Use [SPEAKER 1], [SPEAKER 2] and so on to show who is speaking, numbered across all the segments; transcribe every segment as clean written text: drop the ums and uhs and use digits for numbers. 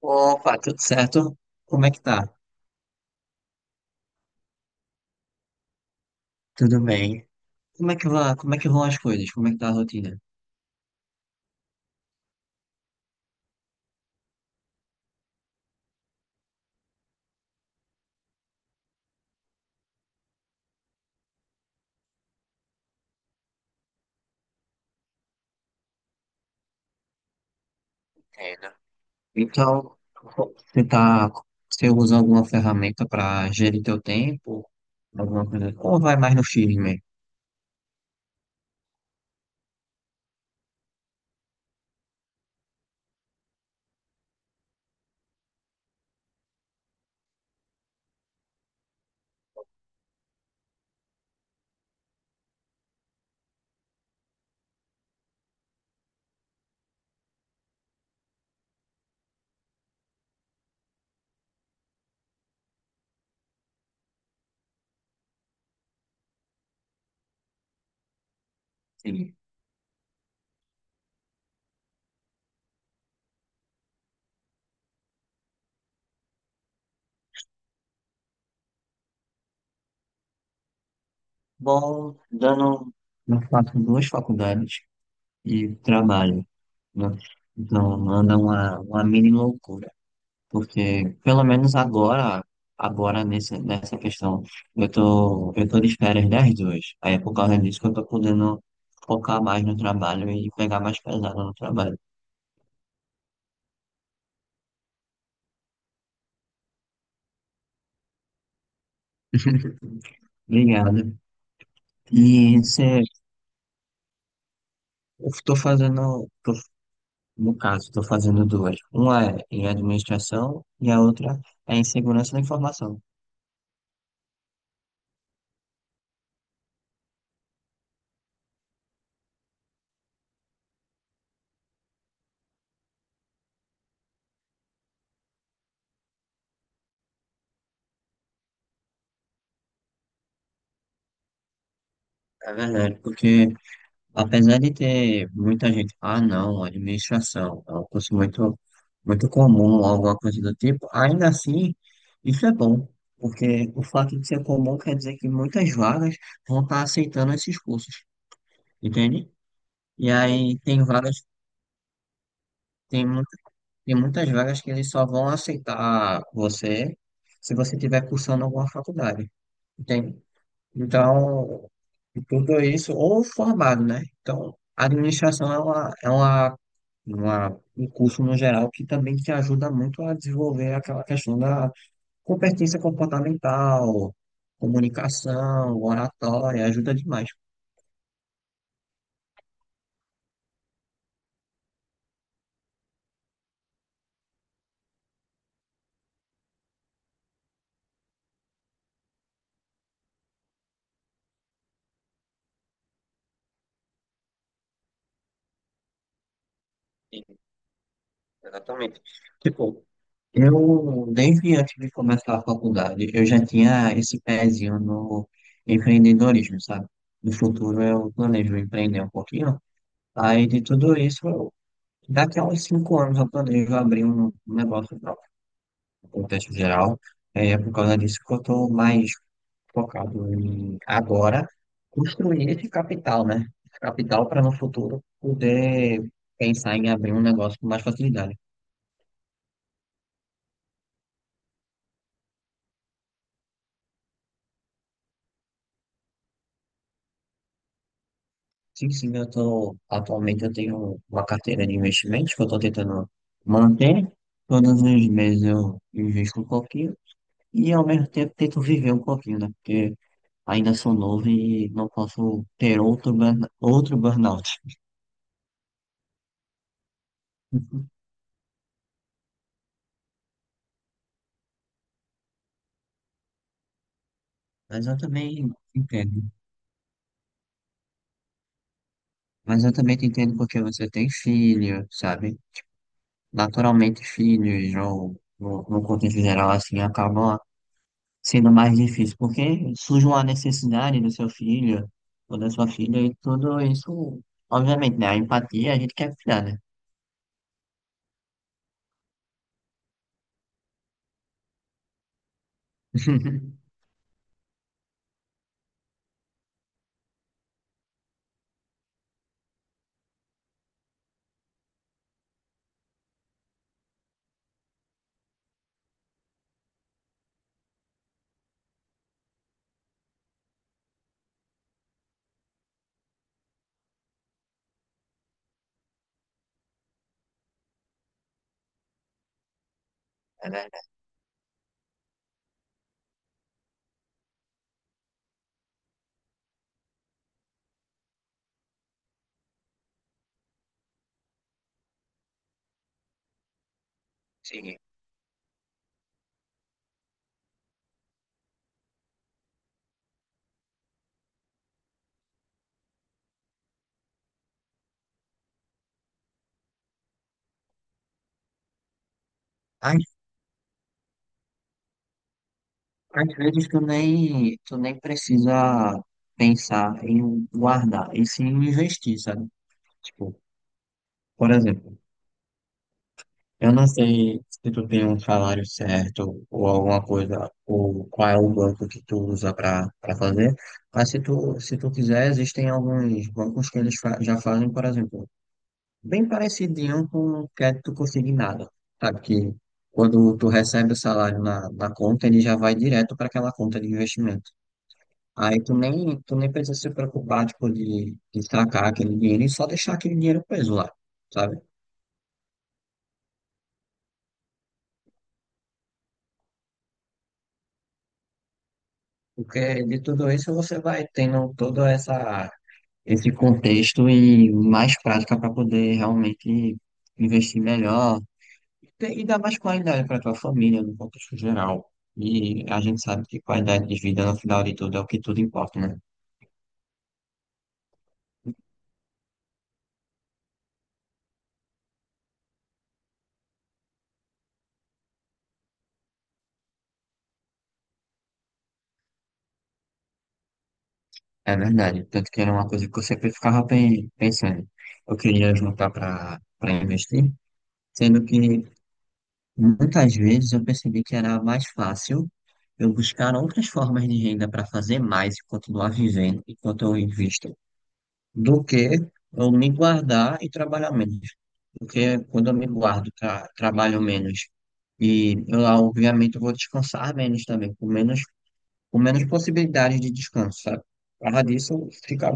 [SPEAKER 1] Opa, tudo certo? Como é que tá? Tudo bem? Como é que vai, como é que vão as coisas? Como é que tá a rotina? Entendo. Então, você tá, você usa alguma ferramenta para gerir teu tempo? Alguma coisa assim? Ou vai mais no X mesmo? Sim. Bom, dando, eu faço duas faculdades e trabalho, né? Então, anda uma mini loucura. Porque, pelo menos agora, nessa questão, eu tô de férias das duas. Aí é por causa disso que eu tô podendo focar mais no trabalho e pegar mais pesado no trabalho. Obrigado. E você, eu tô fazendo, tô- no caso, tô fazendo duas. Uma é em administração e a outra é em segurança da informação. É verdade, porque apesar de ter muita gente, ah, não, administração é um curso muito comum, alguma coisa do tipo, ainda assim, isso é bom, porque o fato de ser comum quer dizer que muitas vagas vão estar aceitando esses cursos, entende? E aí tem vagas, tem, mu- tem muitas vagas que eles só vão aceitar você se você estiver cursando alguma faculdade, entende? Então, e tudo isso, ou formado, né? Então, a administração é um curso no geral que também te ajuda muito a desenvolver aquela questão da competência comportamental, comunicação, oratória, ajuda demais. Sim, exatamente. Tipo, eu, desde antes de começar a faculdade, eu já tinha esse pezinho no empreendedorismo, sabe? No futuro eu planejo empreender um pouquinho. Aí de tudo isso eu Daqui a uns cinco anos eu planejo abrir um negócio próprio, no contexto geral. É por causa disso que eu estou mais focado em agora construir esse capital, né? Esse capital para no futuro poder pensar em abrir um negócio com mais facilidade. Sim, eu tô, atualmente eu tenho uma carteira de investimentos que eu estou tentando manter. Todos os meses eu invisto um pouquinho e ao mesmo tempo tento viver um pouquinho, né? Porque ainda sou novo e não posso ter outro burnout. Mas eu também entendo. Mas eu também te entendo porque você tem filho, sabe? Naturalmente, filhos, ou no contexto geral, assim, acabam sendo mais difícil, porque surge uma necessidade do seu filho ou da sua filha, e tudo isso, obviamente, né? A empatia a gente quer cuidar, né? É verdade, sim. Às vezes tu nem precisa pensar em guardar, e sim investir, sabe? Tipo, por exemplo, eu não sei se tu tem um salário certo ou alguma coisa, ou qual é o banco que tu usa para para fazer, mas se tu quiser, existem alguns bancos que eles já fazem, por exemplo, bem parecidinho com o crédito consignado, sabe? Que quando tu recebe o salário na conta, ele já vai direto para aquela conta de investimento. Aí tu nem precisa se preocupar, tipo, de sacar aquele dinheiro e só deixar aquele dinheiro preso lá, sabe? Porque de tudo isso você vai tendo esse contexto e mais prática para poder realmente investir melhor e dar mais qualidade para tua família no contexto geral. E a gente sabe que qualidade de vida, no final de tudo, é o que tudo importa, né? É verdade. Tanto que era uma coisa que eu sempre ficava pensando. Eu queria juntar para para investir. Sendo que muitas vezes eu percebi que era mais fácil eu buscar outras formas de renda para fazer mais e continuar vivendo enquanto eu invisto, do que eu me guardar e trabalhar menos. Porque quando eu me guardo, trabalho menos e eu, obviamente, eu vou descansar menos também, com menos possibilidades de descanso, sabe? Por causa disso, fica.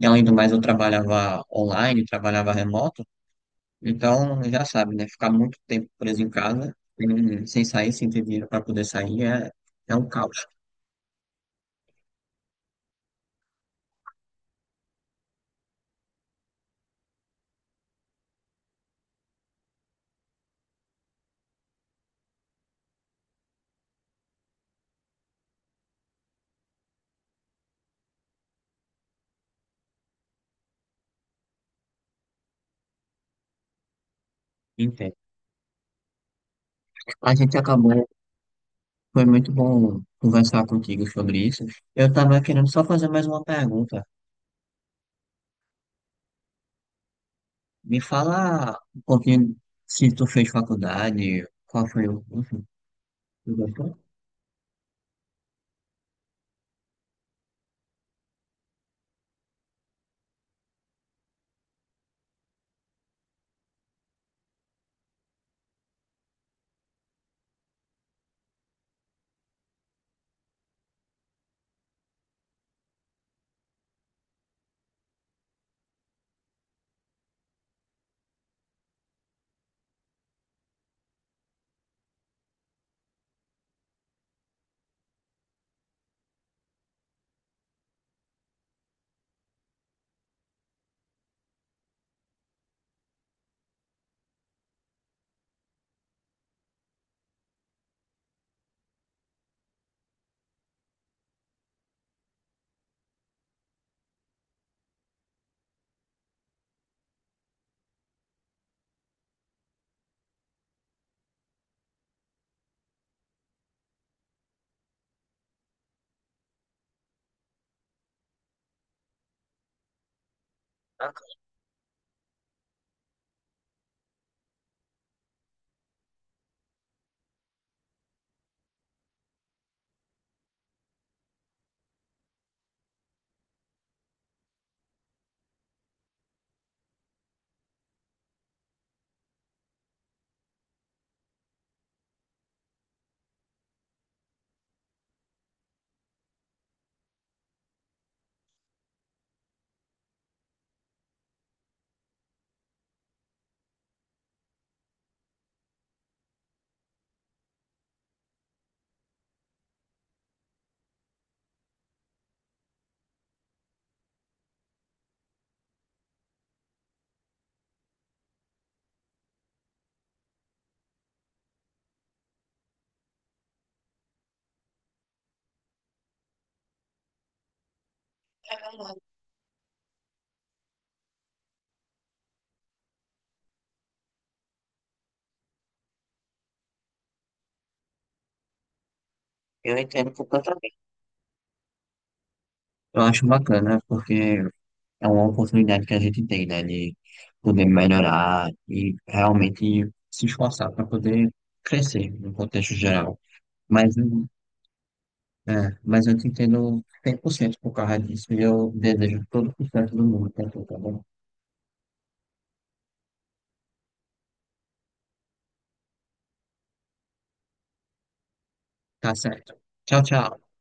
[SPEAKER 1] E além do mais, eu trabalhava online, trabalhava remoto. Então, já sabe, né? Ficar muito tempo preso em casa, sem sair, sem ter dinheiro para poder sair, é é um caos. Entendo. A gente acabou, foi muito bom conversar contigo sobre isso. Eu estava querendo só fazer mais uma pergunta. Me fala um pouquinho se tu fez faculdade, qual foi o. Enfim, tu gostou? Ah, eu entendo completamente. Eu acho bacana, porque é uma oportunidade que a gente tem, né, de poder melhorar e realmente se esforçar para poder crescer no contexto geral. Mas, é, mas eu te entendo 100% por cento por causa disso e eu desejo todo o sucesso do mundo para tu, tá bom? Tá certo. Tchau, tchau.